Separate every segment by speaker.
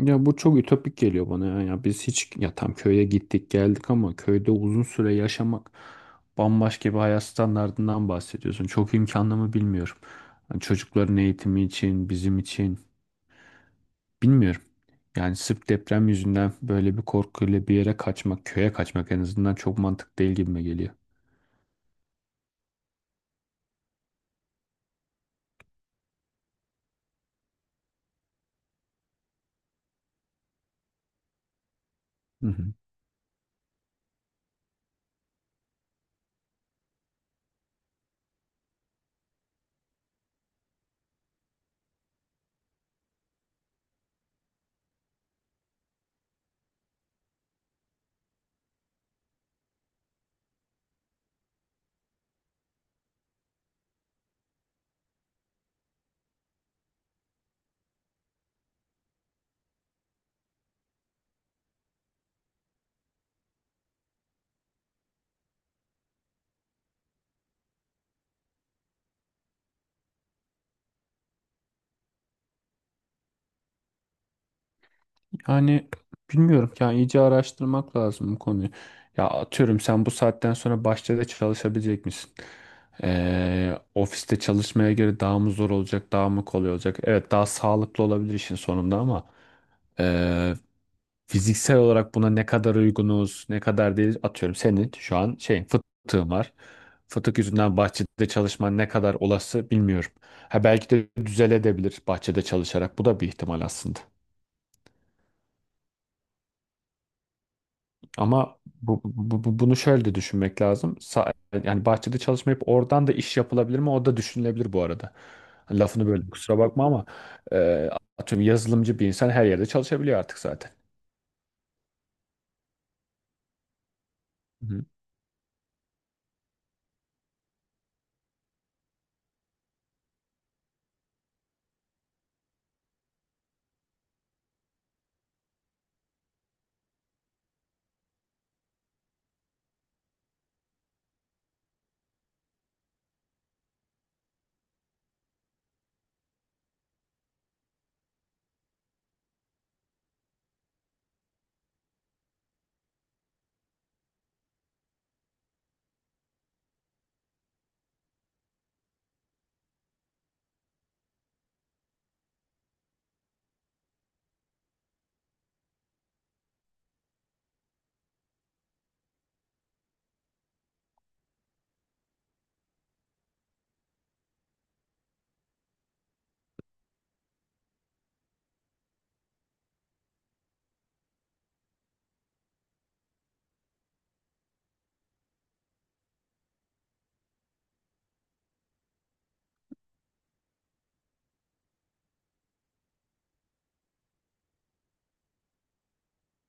Speaker 1: Ya bu çok ütopik geliyor bana ya. Ya biz hiç ya tam köye gittik geldik ama köyde uzun süre yaşamak bambaşka bir hayat standardından bahsediyorsun. Çok imkanlı mı bilmiyorum. Hani çocukların eğitimi için, bizim için bilmiyorum. Yani sırf deprem yüzünden böyle bir korkuyla bir yere kaçmak, köye kaçmak en azından çok mantıklı değil gibime geliyor. Hı hı. Yani bilmiyorum yani iyice araştırmak lazım bu konuyu. Ya atıyorum sen bu saatten sonra bahçede çalışabilecek misin? Ofiste çalışmaya göre daha mı zor olacak, daha mı kolay olacak? Evet daha sağlıklı olabilir işin sonunda ama ee, fiziksel olarak buna ne kadar uygunuz, ne kadar değil, atıyorum senin şu an şey fıtığın var. Fıtık yüzünden bahçede çalışman ne kadar olası bilmiyorum. Ha belki de düzeledebilir bahçede çalışarak. Bu da bir ihtimal aslında. Ama bunu şöyle de düşünmek lazım. Yani bahçede çalışmayıp oradan da iş yapılabilir mi? O da düşünülebilir bu arada. Lafını böyle kusura bakma ama e, atıyorum yazılımcı bir insan her yerde çalışabiliyor artık zaten. Hı.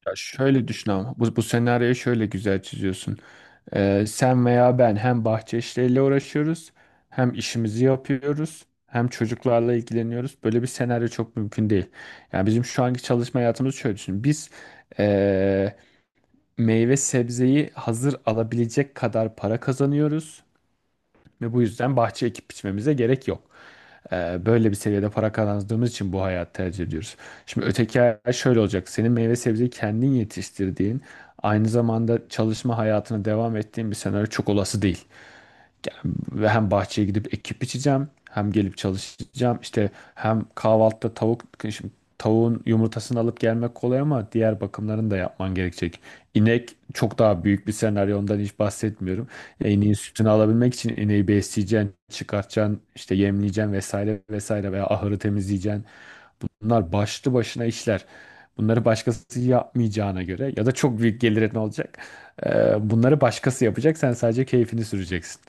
Speaker 1: Ya şöyle düşün ama bu senaryoyu şöyle güzel çiziyorsun. Sen veya ben hem bahçe işleriyle uğraşıyoruz, hem işimizi yapıyoruz, hem çocuklarla ilgileniyoruz. Böyle bir senaryo çok mümkün değil. Yani bizim şu anki çalışma hayatımız şöyle düşün. Biz meyve sebzeyi hazır alabilecek kadar para kazanıyoruz ve bu yüzden bahçe ekip biçmemize gerek yok. Böyle bir seviyede para kazandığımız için bu hayatı tercih ediyoruz. Şimdi öteki hayat şöyle olacak. Senin meyve sebzeyi kendin yetiştirdiğin, aynı zamanda çalışma hayatına devam ettiğin bir senaryo çok olası değil. Ve hem bahçeye gidip ekip biçeceğim, hem gelip çalışacağım. İşte hem kahvaltıda tavuk, şimdi tavuğun yumurtasını alıp gelmek kolay ama diğer bakımlarını da yapman gerekecek. İnek çok daha büyük bir senaryo, ondan hiç bahsetmiyorum. Ya İneğin sütünü alabilmek için ineği besleyeceksin, çıkartacaksın, işte yemleyeceksin vesaire vesaire veya ahırı temizleyeceksin. Bunlar başlı başına işler. Bunları başkası yapmayacağına göre ya da çok büyük gelirin olacak. Bunları başkası yapacak, sen sadece keyfini süreceksin.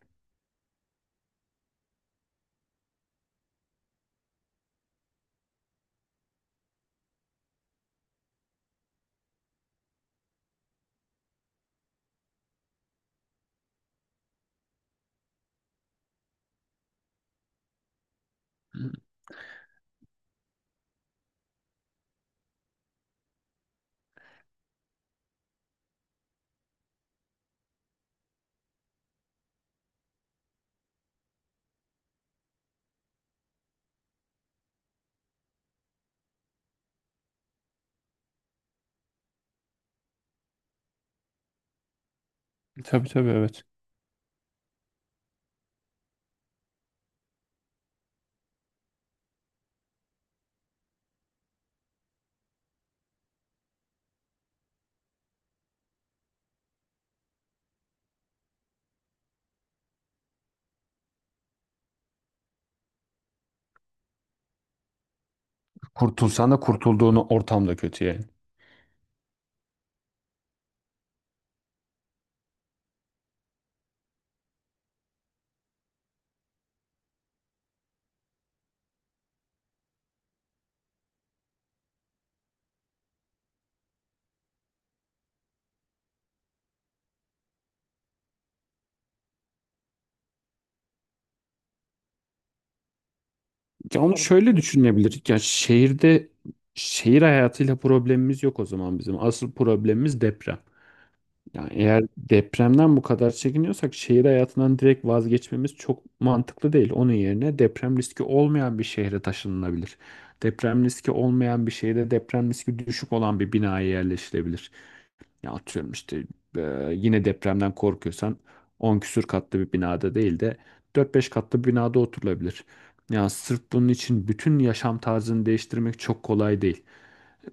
Speaker 1: Tabii tabii, evet. Kurtulsan da kurtulduğunu ortam da kötü yani. Ya onu şöyle düşünebilir. Ya şehirde şehir hayatıyla problemimiz yok o zaman bizim. Asıl problemimiz deprem. Yani eğer depremden bu kadar çekiniyorsak şehir hayatından direkt vazgeçmemiz çok mantıklı değil. Onun yerine deprem riski olmayan bir şehre taşınılabilir. Deprem riski olmayan bir şehirde deprem riski düşük olan bir binaya yerleşilebilir. Ya atıyorum işte e, yine depremden korkuyorsan 10 küsür katlı bir binada değil de dört beş katlı bir binada oturulabilir. Ya sırf bunun için bütün yaşam tarzını değiştirmek çok kolay değil.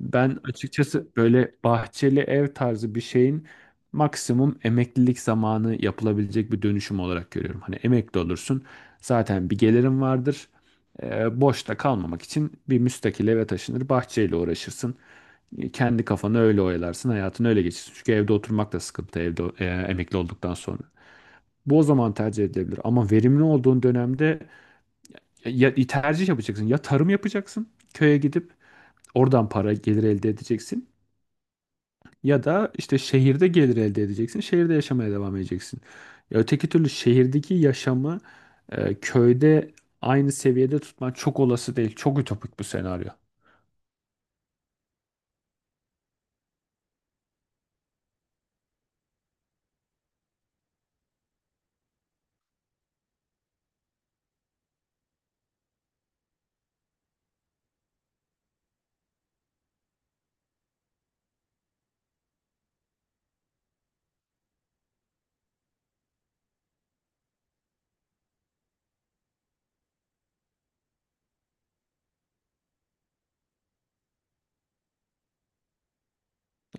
Speaker 1: Ben açıkçası böyle bahçeli ev tarzı bir şeyin maksimum emeklilik zamanı yapılabilecek bir dönüşüm olarak görüyorum. Hani emekli olursun zaten bir gelirin vardır. Boşta kalmamak için bir müstakil eve taşınır bahçeyle uğraşırsın. Kendi kafanı öyle oyalarsın hayatını öyle geçirsin. Çünkü evde oturmak da sıkıntı evde emekli olduktan sonra. Bu o zaman tercih edilebilir ama verimli olduğun dönemde ya tercih yapacaksın ya tarım yapacaksın köye gidip oradan para gelir elde edeceksin. Ya da işte şehirde gelir elde edeceksin. Şehirde yaşamaya devam edeceksin. Ya öteki türlü şehirdeki yaşamı köyde aynı seviyede tutman çok olası değil. Çok ütopik bu senaryo.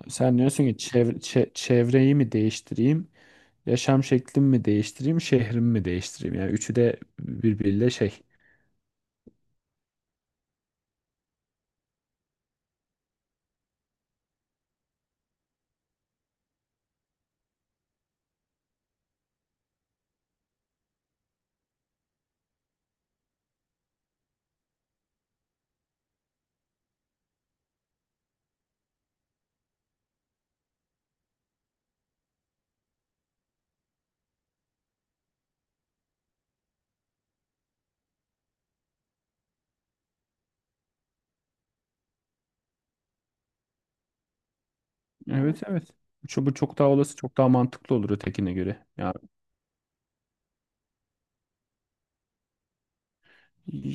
Speaker 1: Sen diyorsun ki çevreyi mi değiştireyim, yaşam şeklimi mi değiştireyim, şehrimi mi değiştireyim? Yani üçü de birbiriyle şey. Evet, evet. Bu çok daha olası, çok daha mantıklı olur ötekine göre. Yani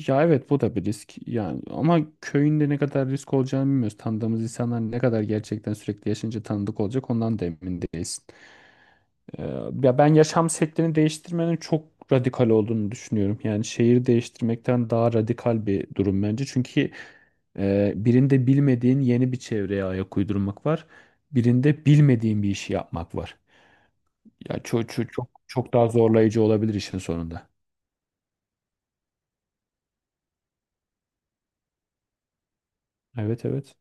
Speaker 1: ya evet bu da bir risk yani ama köyünde ne kadar risk olacağını bilmiyoruz. Tanıdığımız insanlar ne kadar gerçekten sürekli yaşayınca tanıdık olacak ondan da emin değilsin. Ee, ya ben yaşam şeklini değiştirmenin çok radikal olduğunu düşünüyorum. Yani şehir değiştirmekten daha radikal bir durum bence. Çünkü birinde bilmediğin yeni bir çevreye ayak uydurmak var. Birinde bilmediğin bir işi yapmak var. Ya çok çok çok çok daha zorlayıcı olabilir işin sonunda. Evet, evet.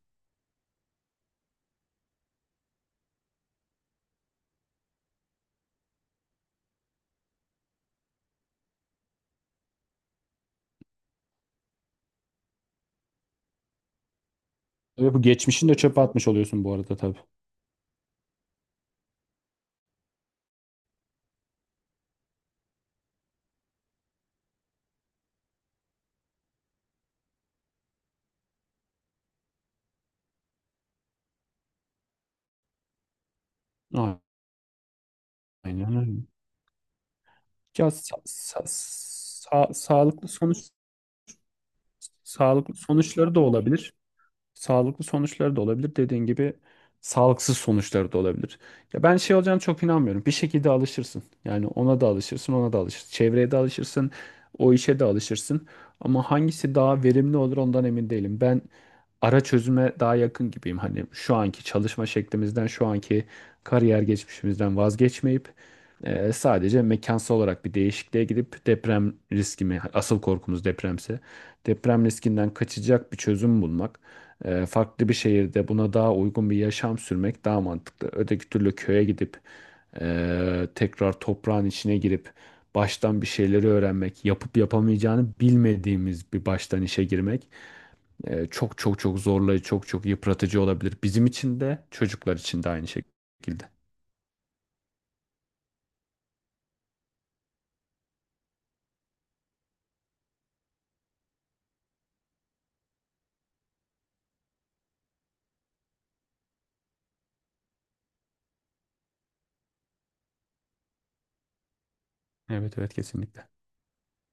Speaker 1: Ve bu geçmişini de çöpe atmış oluyorsun bu arada tabii. Aynen öyle. Ya sağlıklı sağlıklı sonuçları da olabilir. Sağlıklı sonuçları da olabilir. Dediğin gibi sağlıksız sonuçları da olabilir. Ya ben şey olacağını çok inanmıyorum. Bir şekilde alışırsın. Yani ona da alışırsın, ona da alışırsın. Çevreye de alışırsın, o işe de alışırsın. Ama hangisi daha verimli olur ondan emin değilim. Ben ara çözüme daha yakın gibiyim. Hani şu anki çalışma şeklimizden, şu anki kariyer geçmişimizden vazgeçmeyip sadece mekansal olarak bir değişikliğe gidip deprem riskimi, asıl korkumuz depremse, deprem riskinden kaçacak bir çözüm bulmak, farklı bir şehirde buna daha uygun bir yaşam sürmek daha mantıklı. Öteki türlü köye gidip tekrar toprağın içine girip baştan bir şeyleri öğrenmek, yapıp yapamayacağını bilmediğimiz bir baştan işe girmek çok çok çok zorlayıcı, çok çok yıpratıcı olabilir. Bizim için de çocuklar için de aynı şekilde. Evet, evet, kesinlikle.